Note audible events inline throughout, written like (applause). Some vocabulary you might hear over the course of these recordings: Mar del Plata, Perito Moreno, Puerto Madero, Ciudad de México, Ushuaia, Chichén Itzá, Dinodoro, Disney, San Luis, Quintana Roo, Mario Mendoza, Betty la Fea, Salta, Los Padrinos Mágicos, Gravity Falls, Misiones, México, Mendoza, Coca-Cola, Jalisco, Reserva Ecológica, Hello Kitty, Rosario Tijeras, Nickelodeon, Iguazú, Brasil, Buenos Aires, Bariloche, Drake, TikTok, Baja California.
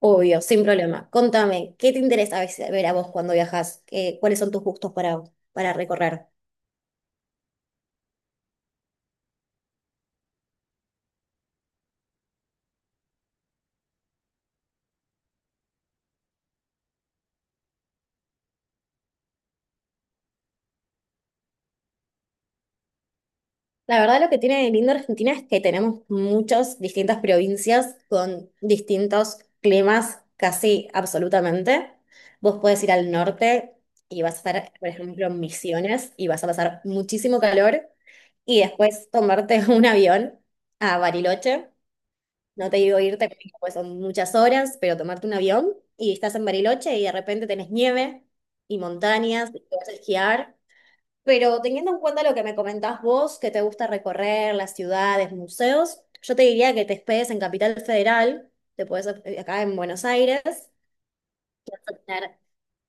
Obvio, sin problema. Contame, ¿qué te interesa a veces ver a vos cuando viajas? ¿ Cuáles son tus gustos para recorrer? La verdad, lo que tiene de lindo Argentina es que tenemos muchas distintas provincias con distintos climas casi absolutamente. Vos podés ir al norte y vas a estar, por ejemplo, en Misiones y vas a pasar muchísimo calor y después tomarte (laughs) un avión a Bariloche. No te digo irte, porque pues son muchas horas, pero tomarte un avión y estás en Bariloche y de repente tenés nieve y montañas, y te vas a esquiar. Pero teniendo en cuenta lo que me comentás vos, que te gusta recorrer las ciudades, museos, yo te diría que te hospedes en Capital Federal, te puedes acá en Buenos Aires, que vas a tener-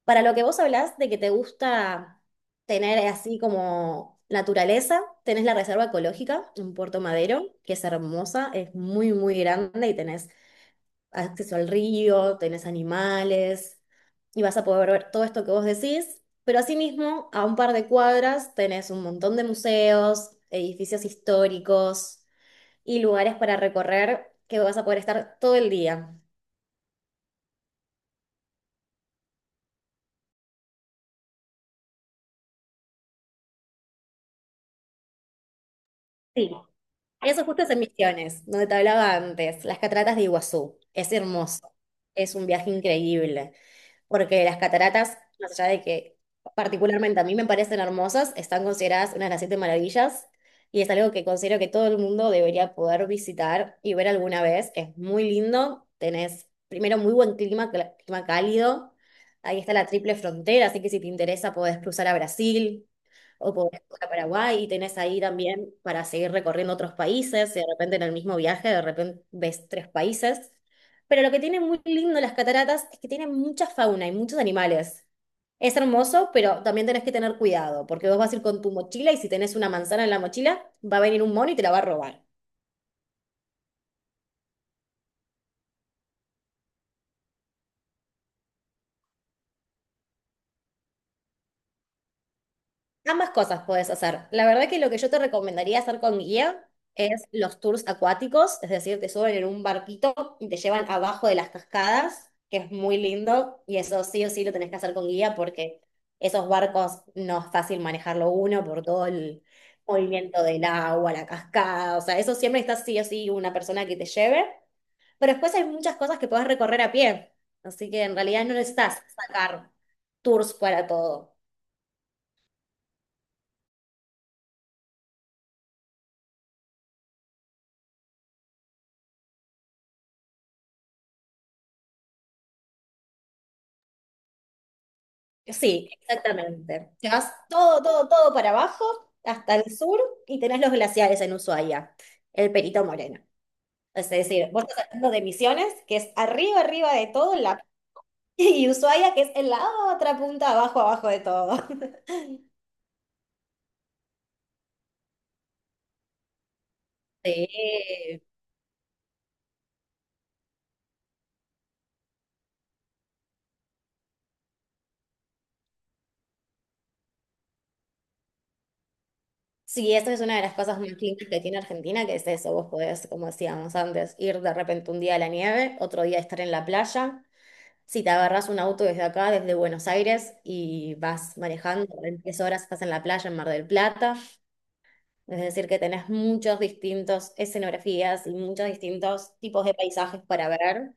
Para lo que vos hablás de que te gusta tener así como naturaleza, tenés la Reserva Ecológica en Puerto Madero, que es hermosa, es muy, muy grande y tenés acceso al río, tenés animales y vas a poder ver todo esto que vos decís, pero asimismo, a un par de cuadras tenés un montón de museos, edificios históricos y lugares para recorrer que vas a poder estar todo el día. Sí. Eso justo es en Misiones, donde te hablaba antes, las cataratas de Iguazú. Es hermoso, es un viaje increíble, porque las cataratas, más allá de que particularmente a mí me parecen hermosas, están consideradas una de las siete maravillas y es algo que considero que todo el mundo debería poder visitar y ver alguna vez. Es muy lindo, tenés primero muy buen clima, clima cálido, ahí está la triple frontera, así que si te interesa podés cruzar a Brasil o podés cruzar a Paraguay y tenés ahí también para seguir recorriendo otros países, y de repente en el mismo viaje, de repente ves tres países. Pero lo que tiene muy lindo las cataratas es que tienen mucha fauna y muchos animales. Es hermoso, pero también tenés que tener cuidado, porque vos vas a ir con tu mochila y si tenés una manzana en la mochila, va a venir un mono y te la va a robar. Ambas cosas puedes hacer. La verdad que lo que yo te recomendaría hacer con guía es los tours acuáticos, es decir, te suben en un barquito y te llevan abajo de las cascadas, que es muy lindo, y eso sí o sí lo tenés que hacer con guía porque esos barcos no es fácil manejarlo uno por todo el movimiento del agua, la cascada, o sea, eso siempre está sí o sí una persona que te lleve, pero después hay muchas cosas que podés recorrer a pie, así que en realidad no necesitas sacar tours para todo. Sí, exactamente. Te vas todo, todo, todo para abajo, hasta el sur, y tenés los glaciares en Ushuaia, el Perito Moreno. Es decir, vos estás hablando de Misiones, que es arriba, arriba de todo, en la... (laughs) y Ushuaia, que es en la otra punta, abajo, abajo de todo. (laughs) Sí, sí, eso es una de las cosas más lindas que tiene Argentina, que es eso, vos podés, como decíamos antes, ir de repente un día a la nieve, otro día estar en la playa. Si te agarras un auto desde acá, desde Buenos Aires, y vas manejando, en 3 horas estás en la playa en Mar del Plata, es decir, que tenés muchos distintos escenografías y muchos distintos tipos de paisajes para ver.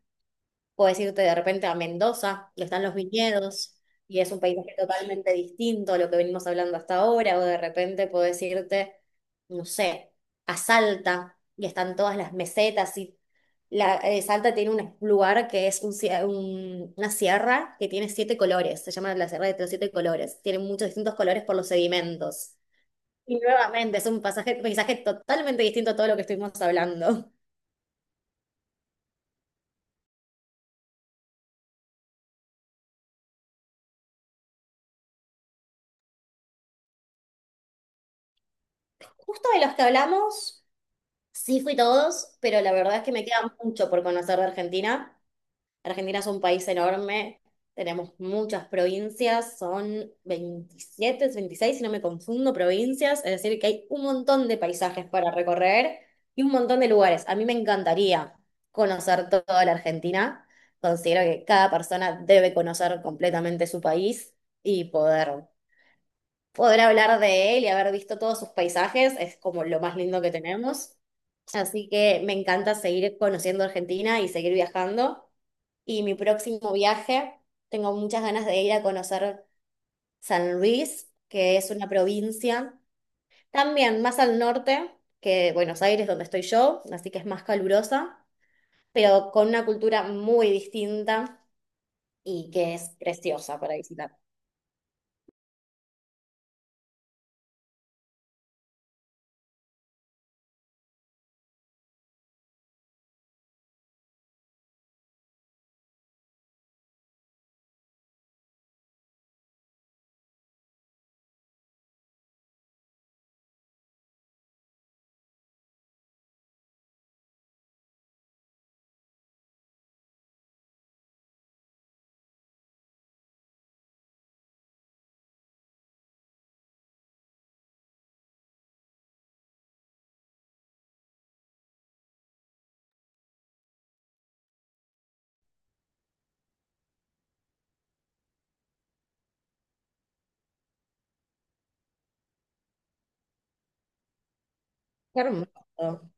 Puedes irte de repente a Mendoza, donde están los viñedos, y es un paisaje totalmente distinto a lo que venimos hablando hasta ahora, o de repente podés irte, no sé, a Salta, y están todas las mesetas, y la, Salta tiene un lugar que es un, una sierra que tiene siete colores, se llama la Sierra de los Siete Colores, tiene muchos distintos colores por los sedimentos. Y nuevamente es un paisaje totalmente distinto a todo lo que estuvimos hablando. Justo de los que hablamos. Sí, fui todos, pero la verdad es que me queda mucho por conocer de Argentina. Argentina es un país enorme, tenemos muchas provincias, son 27, 26 si no me confundo, provincias, es decir, que hay un montón de paisajes para recorrer y un montón de lugares. A mí me encantaría conocer toda la Argentina. Considero que cada persona debe conocer completamente su país y poder poder hablar de él y haber visto todos sus paisajes es como lo más lindo que tenemos. Así que me encanta seguir conociendo Argentina y seguir viajando. Y mi próximo viaje, tengo muchas ganas de ir a conocer San Luis, que es una provincia también más al norte que Buenos Aires, donde estoy yo, así que es más calurosa, pero con una cultura muy distinta y que es preciosa para visitar. Qué hermoso,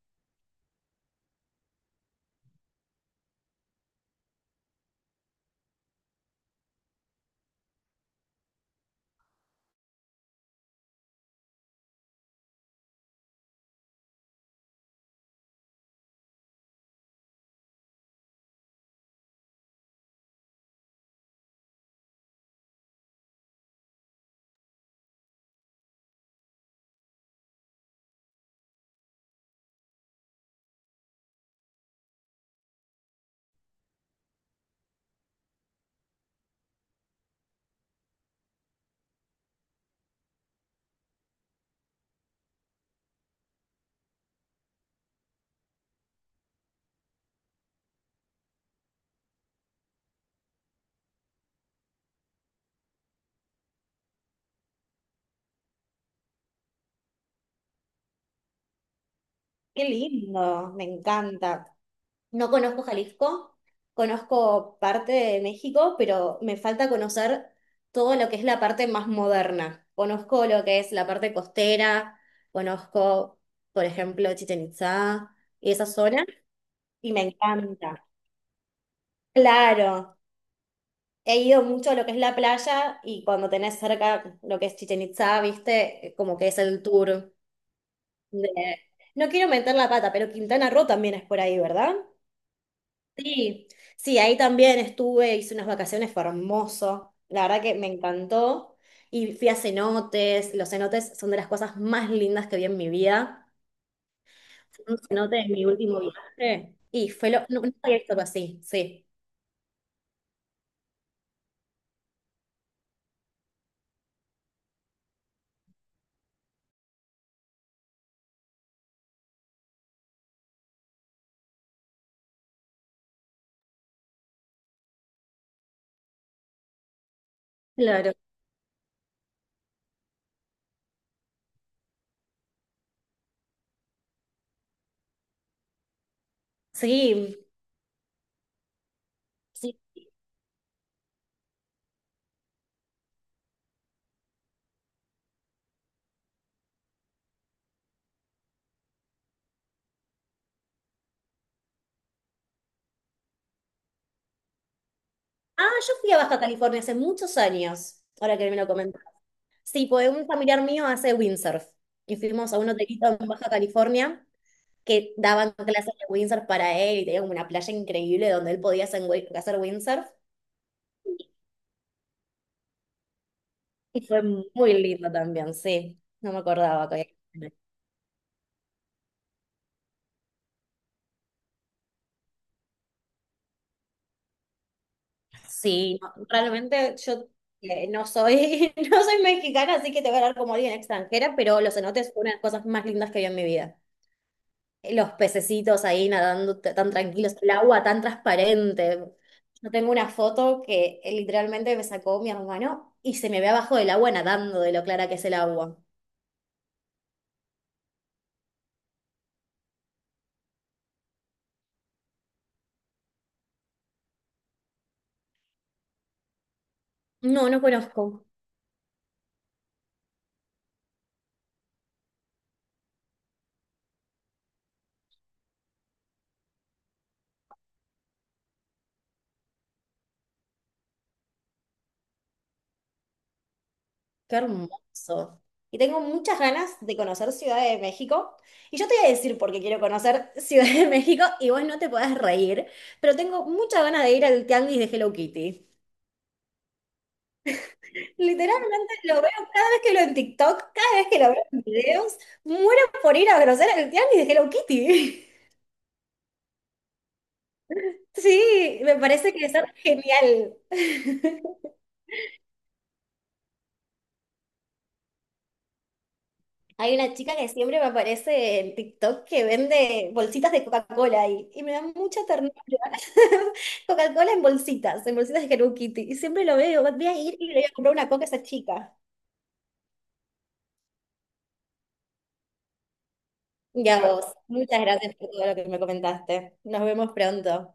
qué lindo, me encanta. No conozco Jalisco, conozco parte de México, pero me falta conocer todo lo que es la parte más moderna. Conozco lo que es la parte costera, conozco, por ejemplo, Chichén Itzá y esa zona, y me encanta. Claro, he ido mucho a lo que es la playa y cuando tenés cerca lo que es Chichén Itzá, viste, como que es el tour de... No quiero meter la pata, pero Quintana Roo también es por ahí, ¿verdad? Sí, sí, ahí también estuve, hice unas vacaciones, fue hermoso. La verdad que me encantó. Y fui a cenotes. Los cenotes son de las cosas más lindas que vi en mi vida. Fui a un cenote de mi último viaje. Y fue lo. No, nunca había visto algo así, sí. Claro. Sí, sí. Ah, yo fui a Baja California hace muchos años, ahora que me lo comentas. Sí, pues un familiar mío hace windsurf. Y fuimos a un hotelito en Baja California que daban clases de windsurf para él y tenía como una playa increíble donde él podía hacer, hacer windsurf. Y fue muy lindo también, sí. No me acordaba que... Sí, no, realmente yo no soy, (laughs) no soy mexicana, así que te voy a hablar como alguien extranjera, pero los cenotes fue una de las cosas más lindas que vi en mi vida. Los pececitos ahí nadando tan tranquilos, el agua tan transparente. Yo tengo una foto que literalmente me sacó mi hermano y se me ve abajo del agua nadando de lo clara que es el agua. No, no conozco. Qué hermoso. Y tengo muchas ganas de conocer Ciudad de México. Y yo te voy a decir por qué quiero conocer (laughs) Ciudad de México y vos no te podés reír, pero tengo muchas ganas de ir al tianguis de Hello Kitty. Literalmente lo veo cada vez que lo en TikTok, cada vez que lo veo en videos, muero por ir a conocer el tianguis de Hello Kitty. (laughs) Sí, me parece que es genial. Hay una chica que siempre me aparece en TikTok que vende bolsitas de Coca-Cola ahí, y me da mucha ternura. (laughs) Coca-Cola en bolsitas de Hello Kitty. Y siempre lo veo, voy a ir y le voy a comprar una coca a esa chica. Y a vos, muchas gracias por todo lo que me comentaste. Nos vemos pronto.